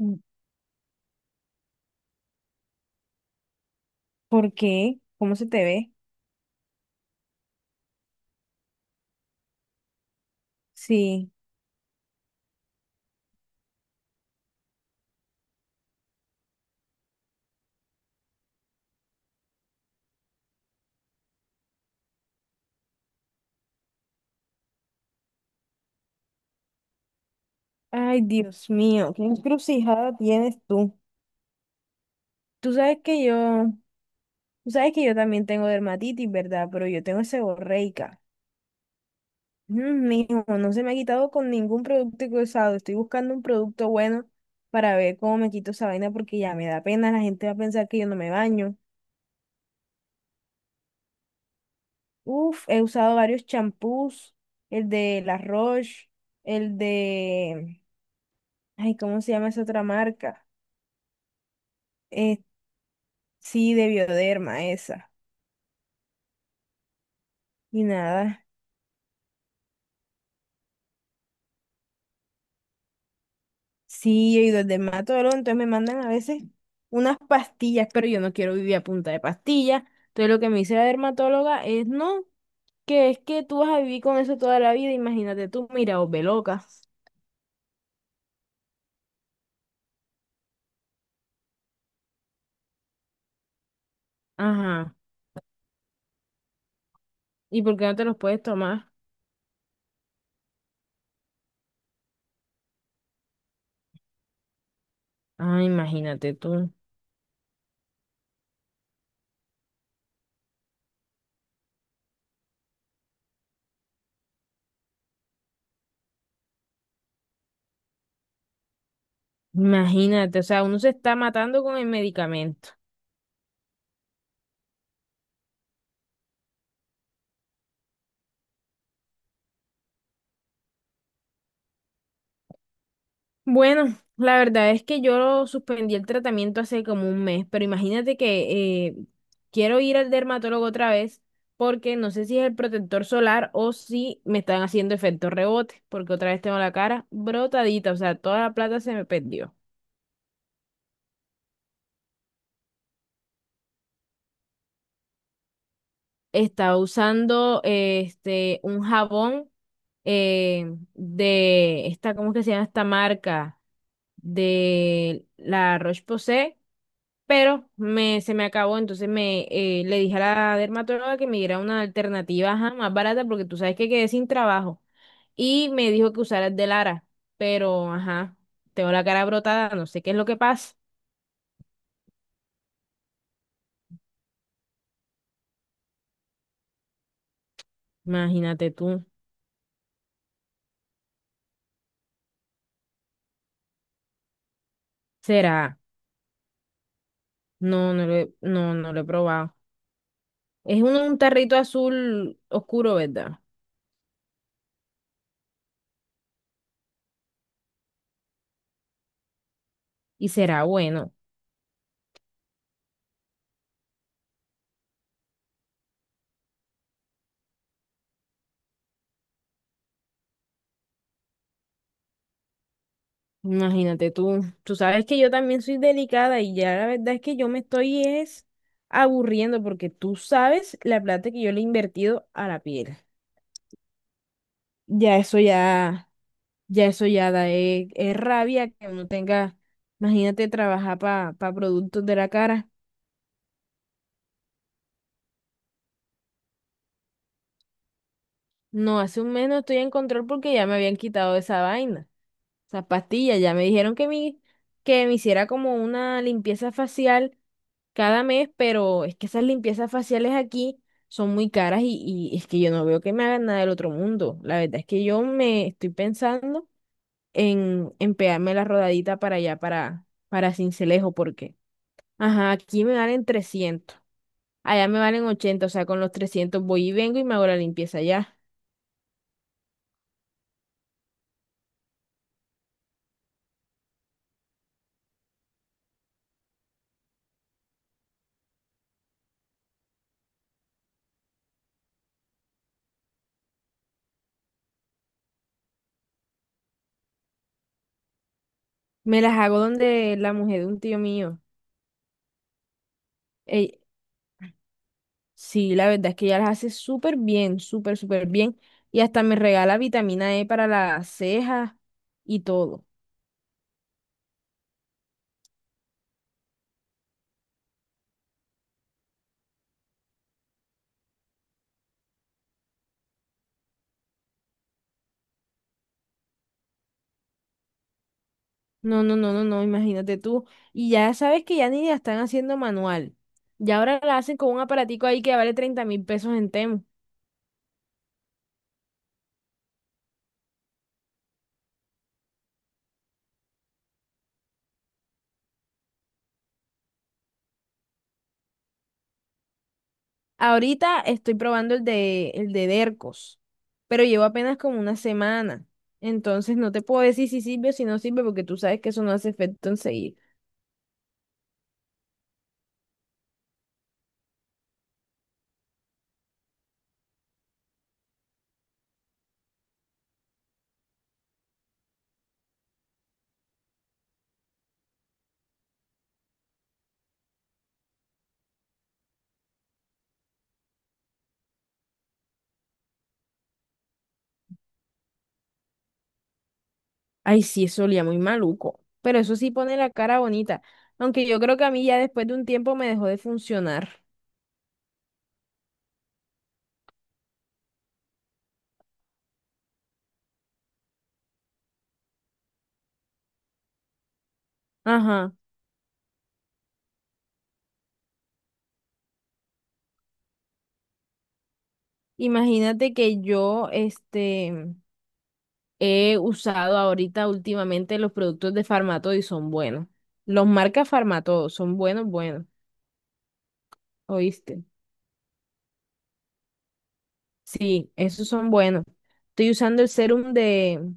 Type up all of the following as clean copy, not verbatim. Mm. ¿Por qué? ¿Cómo se te ve? Sí. Ay, Dios mío, qué encrucijada tienes tú. Tú sabes que yo, tú sabes que yo también tengo dermatitis, ¿verdad? Pero yo tengo seborreica. Mm, mijo, no se me ha quitado con ningún producto cruzado. Estoy buscando un producto bueno para ver cómo me quito esa vaina porque ya me da pena. La gente va a pensar que yo no me baño. Uf, he usado varios champús, el de La Roche, el de, ay, ¿cómo se llama esa otra marca? Sí, de Bioderma esa. Y nada. Sí, yo he ido al dermatólogo, entonces me mandan a veces unas pastillas, pero yo no quiero vivir a punta de pastillas. Entonces lo que me dice la dermatóloga es, no, que es que tú vas a vivir con eso toda la vida, imagínate tú, mira, os ve loca. Ajá. ¿Y por qué no te los puedes tomar? Ah, imagínate tú. Imagínate, o sea, uno se está matando con el medicamento. Bueno, la verdad es que yo suspendí el tratamiento hace como un mes, pero imagínate que quiero ir al dermatólogo otra vez porque no sé si es el protector solar o si me están haciendo efecto rebote, porque otra vez tengo la cara brotadita, o sea, toda la plata se me perdió. Estaba usando este un jabón eh, de esta, ¿cómo es que se llama esta marca? De La Roche-Posay pero me, se me acabó, entonces me le dije a la dermatóloga que me diera una alternativa ajá, más barata porque tú sabes que quedé sin trabajo y me dijo que usara el de Lara, pero ajá, tengo la cara brotada, no sé qué es lo que pasa. Imagínate tú, será, no, no lo he probado. Es un tarrito azul oscuro, ¿verdad? Y será bueno. Imagínate tú, tú sabes que yo también soy delicada y ya la verdad es que yo me estoy es aburriendo porque tú sabes la plata que yo le he invertido a la piel. Ya eso ya, ya eso ya da rabia que uno tenga, imagínate trabajar para productos de la cara. No, hace un mes no estoy en control porque ya me habían quitado esa vaina. Esas pastillas, ya me dijeron que me hiciera como una limpieza facial cada mes, pero es que esas limpiezas faciales aquí son muy caras y es que yo no veo que me hagan nada del otro mundo. La verdad es que yo me estoy pensando en pegarme la rodadita para allá, para Cincelejo, porque, ajá, aquí me valen trescientos, allá me valen ochenta, o sea, con los 300 voy y vengo y me hago la limpieza allá. Me las hago donde la mujer de un tío mío. Sí, la verdad es que ella las hace súper bien, súper, súper bien. Y hasta me regala vitamina E para las cejas y todo. No, no, no, no, no, imagínate tú. Y ya sabes que ya ni la están haciendo manual. Ya ahora la hacen con un aparatico ahí que vale 30.000 pesos en Temu. Ahorita estoy probando el de Dercos, pero llevo apenas como una semana. Entonces no te puedo decir si sirve o si no sirve porque tú sabes que eso no hace efecto enseguida. Ay, sí, eso olía muy maluco. Pero eso sí pone la cara bonita. Aunque yo creo que a mí ya después de un tiempo me dejó de funcionar. Ajá. Imagínate que yo, este, he usado ahorita últimamente los productos de Farmatodo y son buenos. Los marcas Farmatodo son buenos, buenos. ¿Oíste? Sí, esos son buenos. Estoy usando el serum de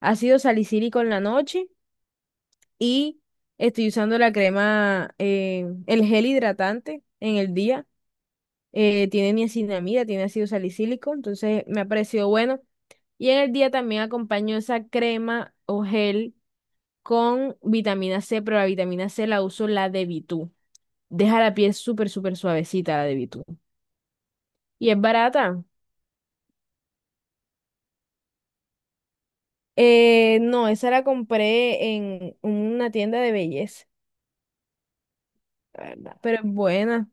ácido salicílico en la noche y estoy usando la crema, el gel hidratante en el día. Tiene niacinamida, tiene ácido salicílico, entonces me ha parecido bueno. Y en el día también acompaño esa crema o gel con vitamina C, pero la vitamina C la uso la de Vitú. Deja la piel súper, súper suavecita la de Vitú. ¿Y es barata? No, esa la compré en una tienda de belleza, la verdad, pero es buena.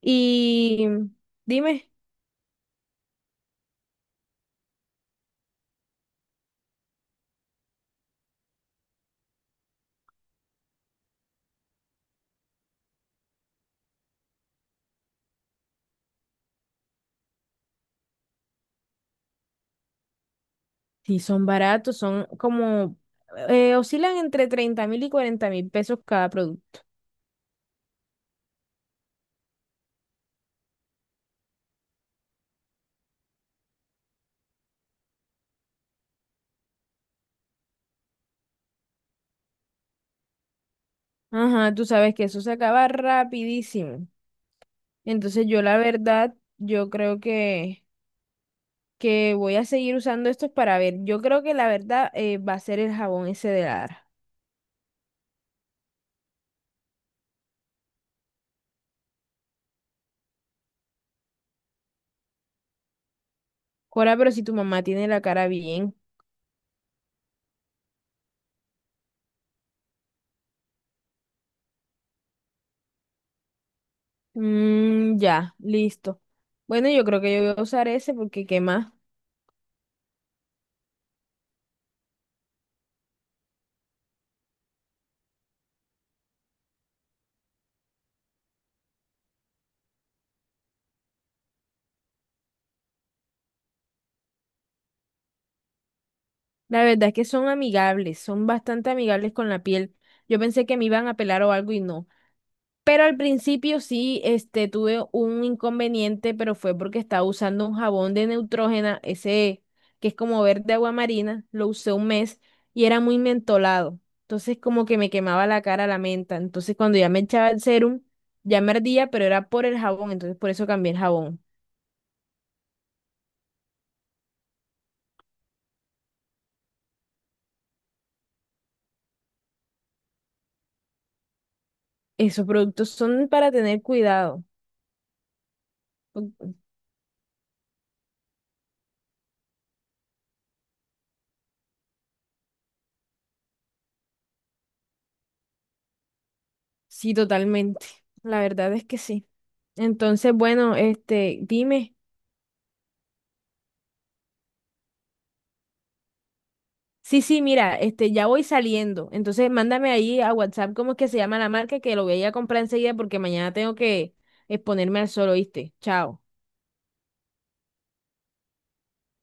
Y dime, si son baratos, son como, oscilan entre 30.000 y 40.000 pesos cada producto. Ajá, tú sabes que eso se acaba rapidísimo. Entonces yo la verdad, que voy a seguir usando estos para ver. Yo creo que la verdad va a ser el jabón ese de Lara. Cora, pero si tu mamá tiene la cara bien. Mm, ya, listo. Bueno, yo creo que yo voy a usar ese porque qué más. La verdad es que son amigables, son bastante amigables con la piel. Yo pensé que me iban a pelar o algo y no. Pero al principio sí, este, tuve un inconveniente, pero fue porque estaba usando un jabón de Neutrógena, ese que es como verde agua marina, lo usé un mes y era muy mentolado. Entonces como que me quemaba la cara la menta. Entonces cuando ya me echaba el serum, ya me ardía, pero era por el jabón, entonces por eso cambié el jabón. Esos productos son para tener cuidado. Sí, totalmente. La verdad es que sí. Entonces, bueno, este, dime. Sí, sí, mira, este, ya voy saliendo. Entonces, mándame ahí a WhatsApp cómo es que se llama la marca, que lo voy a ir a comprar enseguida porque mañana tengo que exponerme al sol, ¿oíste? Chao.